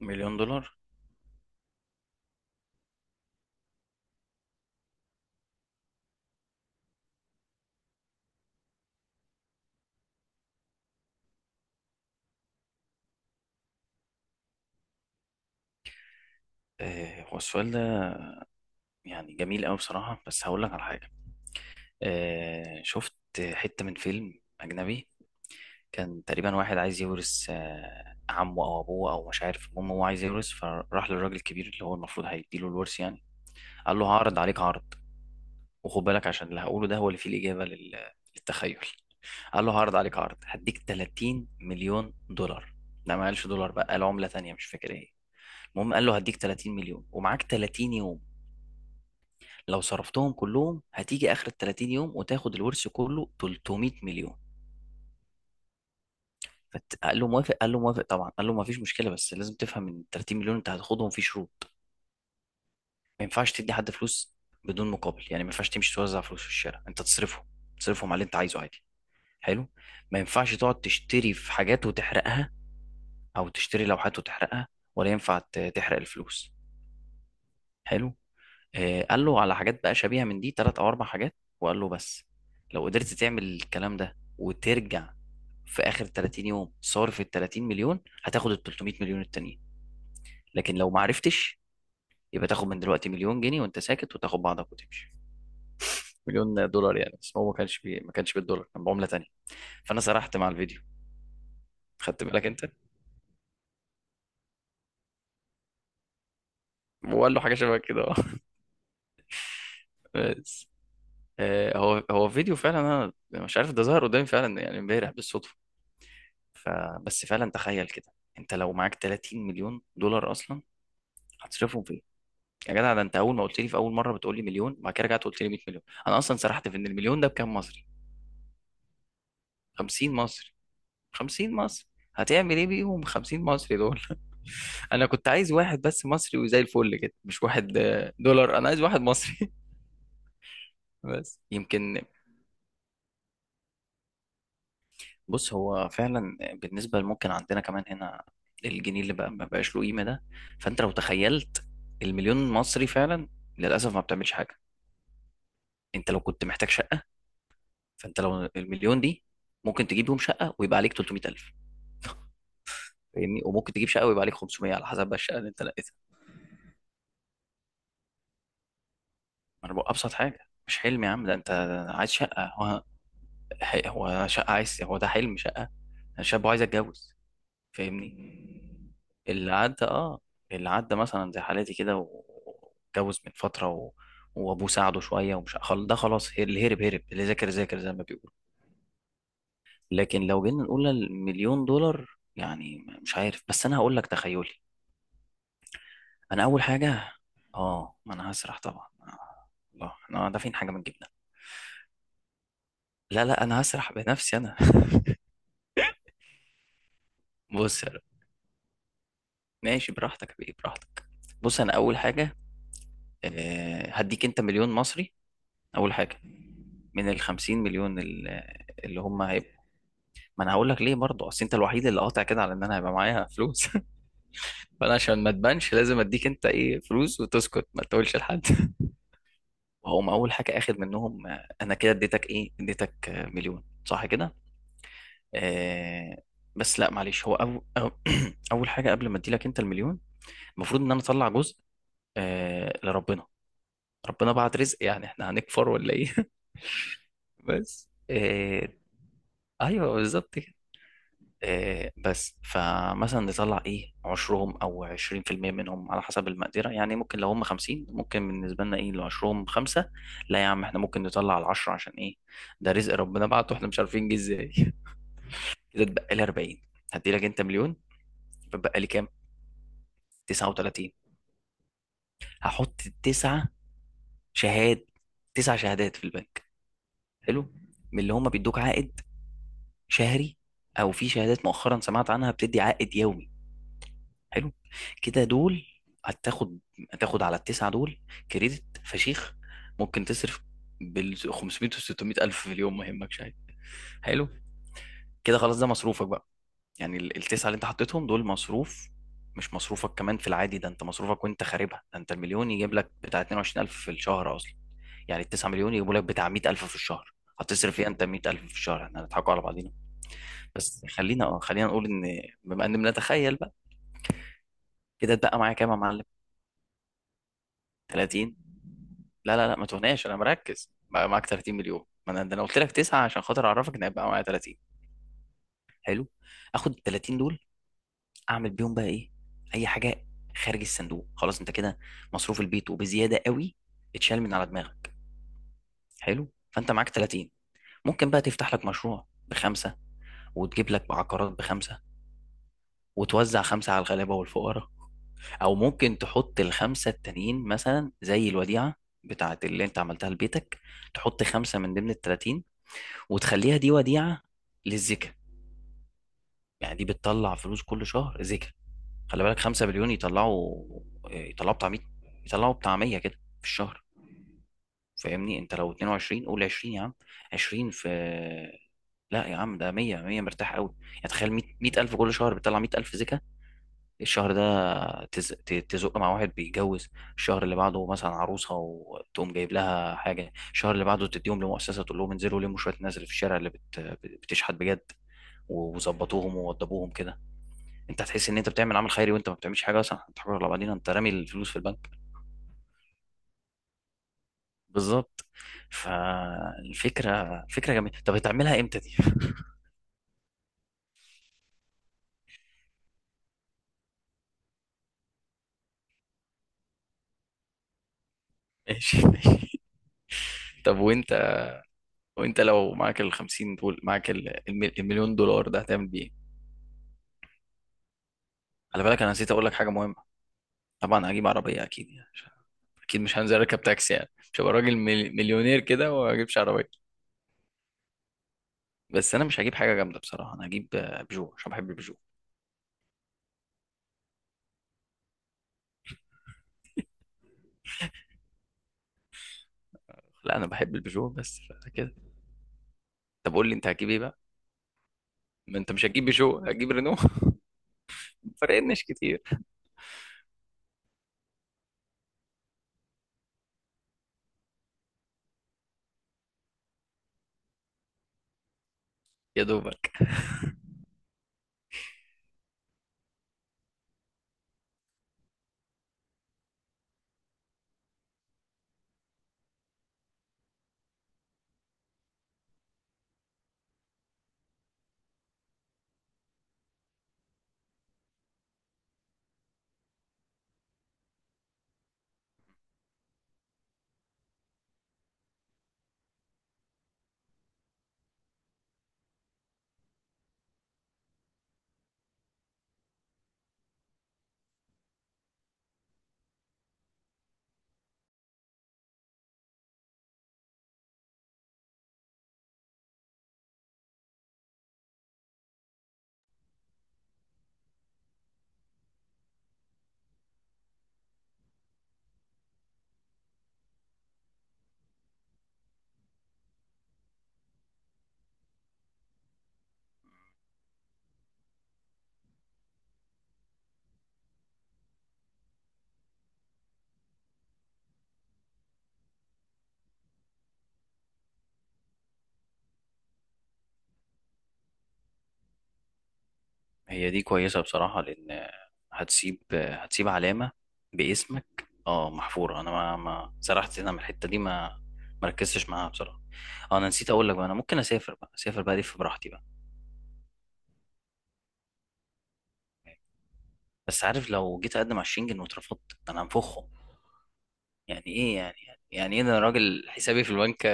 مليون دولار. هو السؤال ده يعني جميل قوي بصراحة، بس هقول لك على حاجة. شفت حتة من فيلم أجنبي. كان تقريبا واحد عايز يورث عمه أو أبوه أو مش عارف، المهم هو عايز يورث، فراح للراجل الكبير اللي هو المفروض هيديله الورث يعني. قال له هعرض عليك عرض، وخد بالك عشان اللي هقوله ده هو اللي فيه الإجابة للتخيل. قال له هعرض عليك عرض، هديك 30 مليون دولار. لا، ما قالش دولار بقى، قال عملة تانية مش فاكر ايه. المهم قال له هديك 30 مليون ومعاك 30 يوم. لو صرفتهم كلهم، هتيجي اخر ال 30 يوم وتاخد الورث كله، 300 مليون. فقال له موافق، قال له موافق طبعا، قال له ما فيش مشكله، بس لازم تفهم ان ال 30 مليون انت هتاخدهم في شروط. ما ينفعش تدي حد فلوس بدون مقابل، يعني ما ينفعش تمشي توزع فلوس في الشارع، انت تصرفهم. تصرفهم على اللي انت عايزه عادي. حلو. ما ينفعش تقعد تشتري في حاجات وتحرقها، او تشتري لوحات وتحرقها. ولا ينفع تحرق الفلوس. حلو. قال له على حاجات بقى شبيهة من دي، تلات أو أربع حاجات. وقال له بس لو قدرت تعمل الكلام ده وترجع في آخر 30 يوم صارف ال 30 مليون، هتاخد ال 300 مليون التانيين. لكن لو ما عرفتش، يبقى تاخد من دلوقتي مليون جنيه وأنت ساكت، وتاخد بعضك وتمشي. مليون دولار يعني، بس هو ما كانش بالدولار، كان بعملة تانية. فأنا سرحت مع الفيديو. خدت بالك أنت؟ وقال له حاجة شبه كده اه بس. هو فيديو فعلا، أنا مش عارف، ده ظهر قدامي فعلا يعني امبارح بالصدفة. فبس فعلا تخيل كده، انت لو معاك 30 مليون دولار اصلا هتصرفهم في ايه؟ يا جدع، ده انت اول ما قلت لي في اول مره بتقول لي مليون، بعد كده رجعت قلت لي 100 مليون. انا اصلا سرحت في ان المليون ده بكام مصري. 50 مصري. 50 مصري هتعمل ايه بيهم؟ 50 مصري دول انا كنت عايز واحد بس مصري، وزي الفل كده، مش واحد دولار، انا عايز واحد مصري. بس يمكن. بص هو فعلا بالنسبة ممكن عندنا كمان هنا، الجنيه اللي بقى ما بقاش له قيمة ده. فانت لو تخيلت المليون مصري فعلا، للأسف ما بتعملش حاجة. انت لو كنت محتاج شقة، فانت لو المليون دي، ممكن تجيب بيهم شقة ويبقى عليك 300,000. فاهمني، وممكن تجيب شقة ويبقى عليك 500، على حسب بقى الشقة اللي انت لقيتها. ما انا بقول أبسط حاجة، مش حلم يا عم. ده انت عايز شقة. هو شقة عايز. هو ده حلم، شقة. الشاب عايز يتجوز. فاهمني. اللي عدى، اه، اللي عدى مثلا زي حالتي كده واتجوز من فترة وابوه ساعده شوية، ده خلاص، اللي هرب هرب، اللي ذاكر ذاكر، زي ما بيقول. لكن لو جينا نقول المليون دولار، يعني مش عارف، بس انا هقول لك تخيلي. انا اول حاجة، اه ما انا هسرح طبعا، الله، احنا دافعين حاجة من جيبنا؟ لا لا، انا هسرح بنفسي انا. بص، يا رب. ماشي براحتك يا بيه، براحتك. بص، انا اول حاجة، هديك انت مليون مصري. اول حاجه من ال 50 مليون اللي هم هيبقوا، ما انا هقول لك ليه برضه، اصل انت الوحيد اللي قاطع كده على ان انا هيبقى معايا فلوس فانا عشان ما تبانش، لازم اديك انت ايه، فلوس، وتسكت ما تقولش لحد وهم اول حاجه اخد منهم، انا كده اديتك ايه؟ اديتك مليون، صح كده؟ آه. بس لا معلش، هو أو اول حاجه قبل ما اديلك انت المليون، المفروض ان انا اطلع جزء آه لربنا. ربنا بعت رزق، يعني احنا هنكفر ولا ايه؟ بس آه. ايوه بالظبط كده. بس فمثلا نطلع ايه، عشرهم او 20% منهم، على حسب المقدرة. يعني ممكن لو هم خمسين، ممكن بالنسبة لنا ايه، لو عشرهم خمسة. لا يا عم، احنا ممكن نطلع العشرة، عشان ايه؟ ده رزق ربنا بعته، احنا مش عارفين جه ازاي كده اتبقى لي أربعين. هدي لك انت مليون. بتبقى لي كام؟ تسعة وتلاتين. هحط تسعة شهاد تسع شهادات في البنك. حلو. من اللي هم بيدوك عائد شهري، او في شهادات مؤخرا سمعت عنها بتدي عائد يومي. حلو، كده دول. هتاخد هتاخد على التسعة دول كريدت فشيخ، ممكن تصرف بال 500 و 600 الف في اليوم، ما يهمكش، عادي. حلو، كده خلاص ده مصروفك بقى، يعني التسعة اللي انت حطيتهم دول، مصروف، مش مصروفك كمان في العادي. ده انت مصروفك وانت خاربها، ده انت المليون يجيب لك بتاع 22,000 الف في الشهر اصلا. يعني التسعة مليون يجيبوا لك بتاع 100,000 الف في الشهر. هتصرف ايه انت 100,000 الف في الشهر؟ احنا هنضحكوا على بعضينا؟ بس خلينا، خلينا نقول ان بما ان بنتخيل بقى. كده اتبقى معايا كام يا معلم؟ 30. لا لا لا، ما تهناش، انا مركز بقى. معاك 30 مليون. ما انا ده انا قلت لك تسعه عشان خاطر اعرفك ان هيبقى معايا 30. حلو. اخد ال 30 دول، اعمل بيهم بقى ايه؟ اي حاجه، خارج الصندوق. خلاص انت كده، مصروف البيت وبزياده قوي، اتشال من على دماغك. حلو. فانت معاك 30، ممكن بقى تفتح لك مشروع بخمسه، وتجيب لك بعقارات بخمسه، وتوزع خمسه على الغلابه والفقراء. او ممكن تحط الخمسه التانيين مثلا، زي الوديعه بتاعت اللي انت عملتها لبيتك، تحط خمسه من ضمن ال 30 وتخليها دي وديعة للزكاة. يعني دي بتطلع فلوس كل شهر، زكاة. خلي بالك، 5 مليون يطلعوا بتاع 100. يطلعوا بتاع 100 كده في الشهر. فاهمني، انت لو 22 قول 20 يا عم. 20 في لا يا عم ده 100، 100 مرتاح قوي، يعني تخيل 100، 100,000 كل شهر، بتطلع 100,000 زكاة. الشهر ده تزق مع واحد بيتجوز. الشهر اللي بعده مثلا عروسه، وتقوم جايب لها حاجه. الشهر اللي بعده تديهم لمؤسسه، تقول لهم انزلوا لموا شويه الناس اللي في الشارع اللي بتشحت بجد، وظبطوهم ووضبوهم كده. انت هتحس ان انت بتعمل عمل خيري، وانت ما بتعملش حاجه اصلا، انت حر على بعدين، انت رامي الفلوس في البنك. بالظبط. فالفكره فكره جميله. طب هتعملها امتى دي؟ ماشي ماشي. طب وانت لو معاك ال 50 دول، معاك المليون دولار ده، هتعمل بيه ايه؟ خلي بالك انا نسيت اقول لك حاجه مهمه. طبعا هجيب عربية أكيد، أكيد مش هنزل أركب تاكسي، يعني مش هبقى راجل مليونير كده وما أجيبش عربية. بس أنا مش هجيب حاجة جامدة بصراحة، أنا هجيب بيجو، عشان بحب البيجو. لا أنا بحب البيجو بس كده. طب قول لي أنت هتجيب إيه بقى؟ ما أنت مش هتجيب بيجو، هتجيب رينو فرقناش كتير. يا دوبك. هي دي كويسة بصراحة لأن آه، هتسيب علامة باسمك، أه، محفورة. أنا ما سرحت هنا من الحتة دي، ما مركزتش معاها بصراحة. أنا نسيت أقول لك بقى. أنا ممكن أسافر بقى، أسافر بقى، ألف براحتي بقى. بس عارف، لو جيت اقدم على الشنجن واترفضت، انا هنفخه. يعني ايه يعني؟ يعني ايه ده، انا راجل حسابي في البنك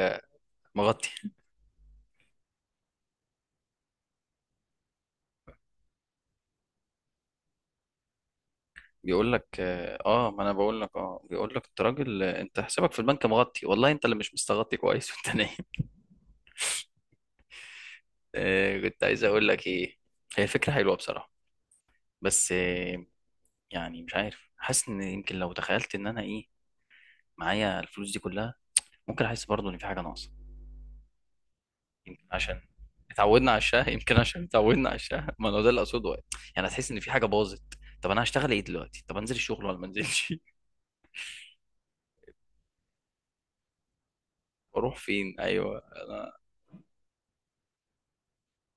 مغطي. بيقول لك اه، ما انا بقول لك اه، بيقول لك انت راجل، انت حسابك في البنك مغطي. والله انت اللي مش مستغطي كويس وانت نايم. آه، كنت عايز اقول لك ايه؟ هي فكرة حلوة بصراحة. بس آه. يعني مش عارف، حاسس ان يمكن لو تخيلت ان انا ايه، معايا الفلوس دي كلها، ممكن احس برضه ان في حاجة ناقصة. يمكن عشان اتعودنا على الشاه، يمكن عشان اتعودنا على الشاه، ما هو ده اللي اقصده. يعني هتحس ان في حاجه باظت، طب انا هشتغل ايه دلوقتي، طب انزل الشغل ولا ما انزلش؟ اروح فين؟ ايوه انا.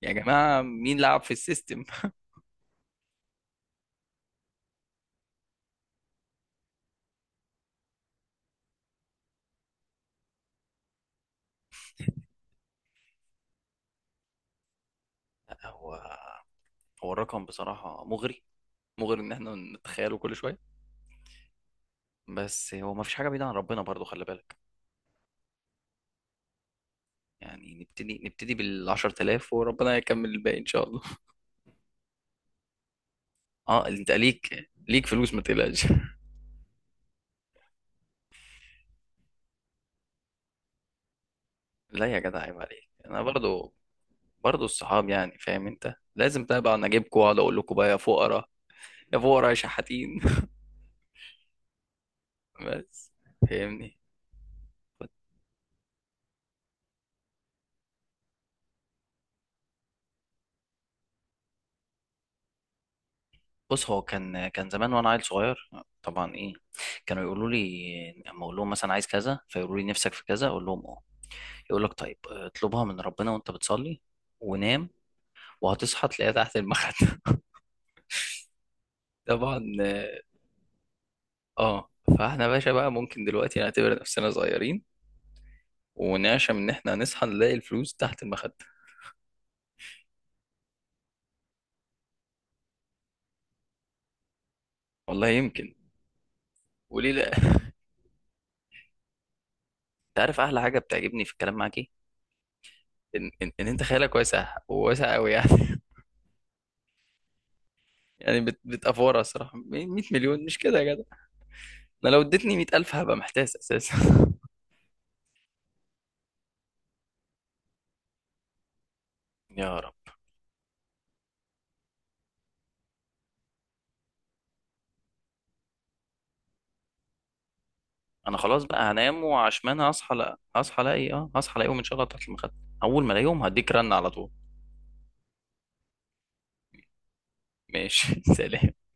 يا جماعه مين لعب في السيستم؟ لا، هو هو الرقم بصراحه مغري، مغري ان احنا نتخيله كل شويه. بس هو ما فيش حاجه بعيده عن ربنا برضو، خلي بالك. يعني نبتدي بال 10,000، وربنا يكمل الباقي ان شاء الله. اه انت ليك فلوس، ما تقلقش. لا يا جدع، عيب عليك، انا برضو. برضه الصحاب يعني، فاهم انت، لازم بقى اجيبكم واقعد اقول لكم بقى: يا فقراء، يا فقراء، يا شحاتين. بس، فاهمني. بص هو كان زمان وانا عيل صغير، طبعا، ايه، كانوا يقولوا لي اما اقول لهم مثلا عايز كذا، فيقولوا لي نفسك في كذا، اقول لهم اه، يقول لك طيب اطلبها من ربنا وانت بتصلي ونام، وهتصحى تلاقيها تحت المخدة. طبعا. اه، فاحنا باشا بقى، ممكن دلوقتي نعتبر نفسنا صغيرين، ونعشم ان احنا هنصحى نلاقي الفلوس تحت المخدة. والله يمكن. وليه لا؟ انت عارف احلى حاجه بتعجبني في الكلام معاك ايه؟ إن انت خيالك واسع، وواسع قوي يعني يعني بتافوره الصراحه، 100 مليون مش كده يا جدع؟ انا لو اديتني 100,000 هبقى محتاس اساسا. يا رب. انا خلاص بقى هنام وعشمان هصحى لا هصحى الاقي اه هصحى الاقيهم ان شاء الله تحت المخده. اول ما الاقيهم هديك رن على طول. ماشي سلام.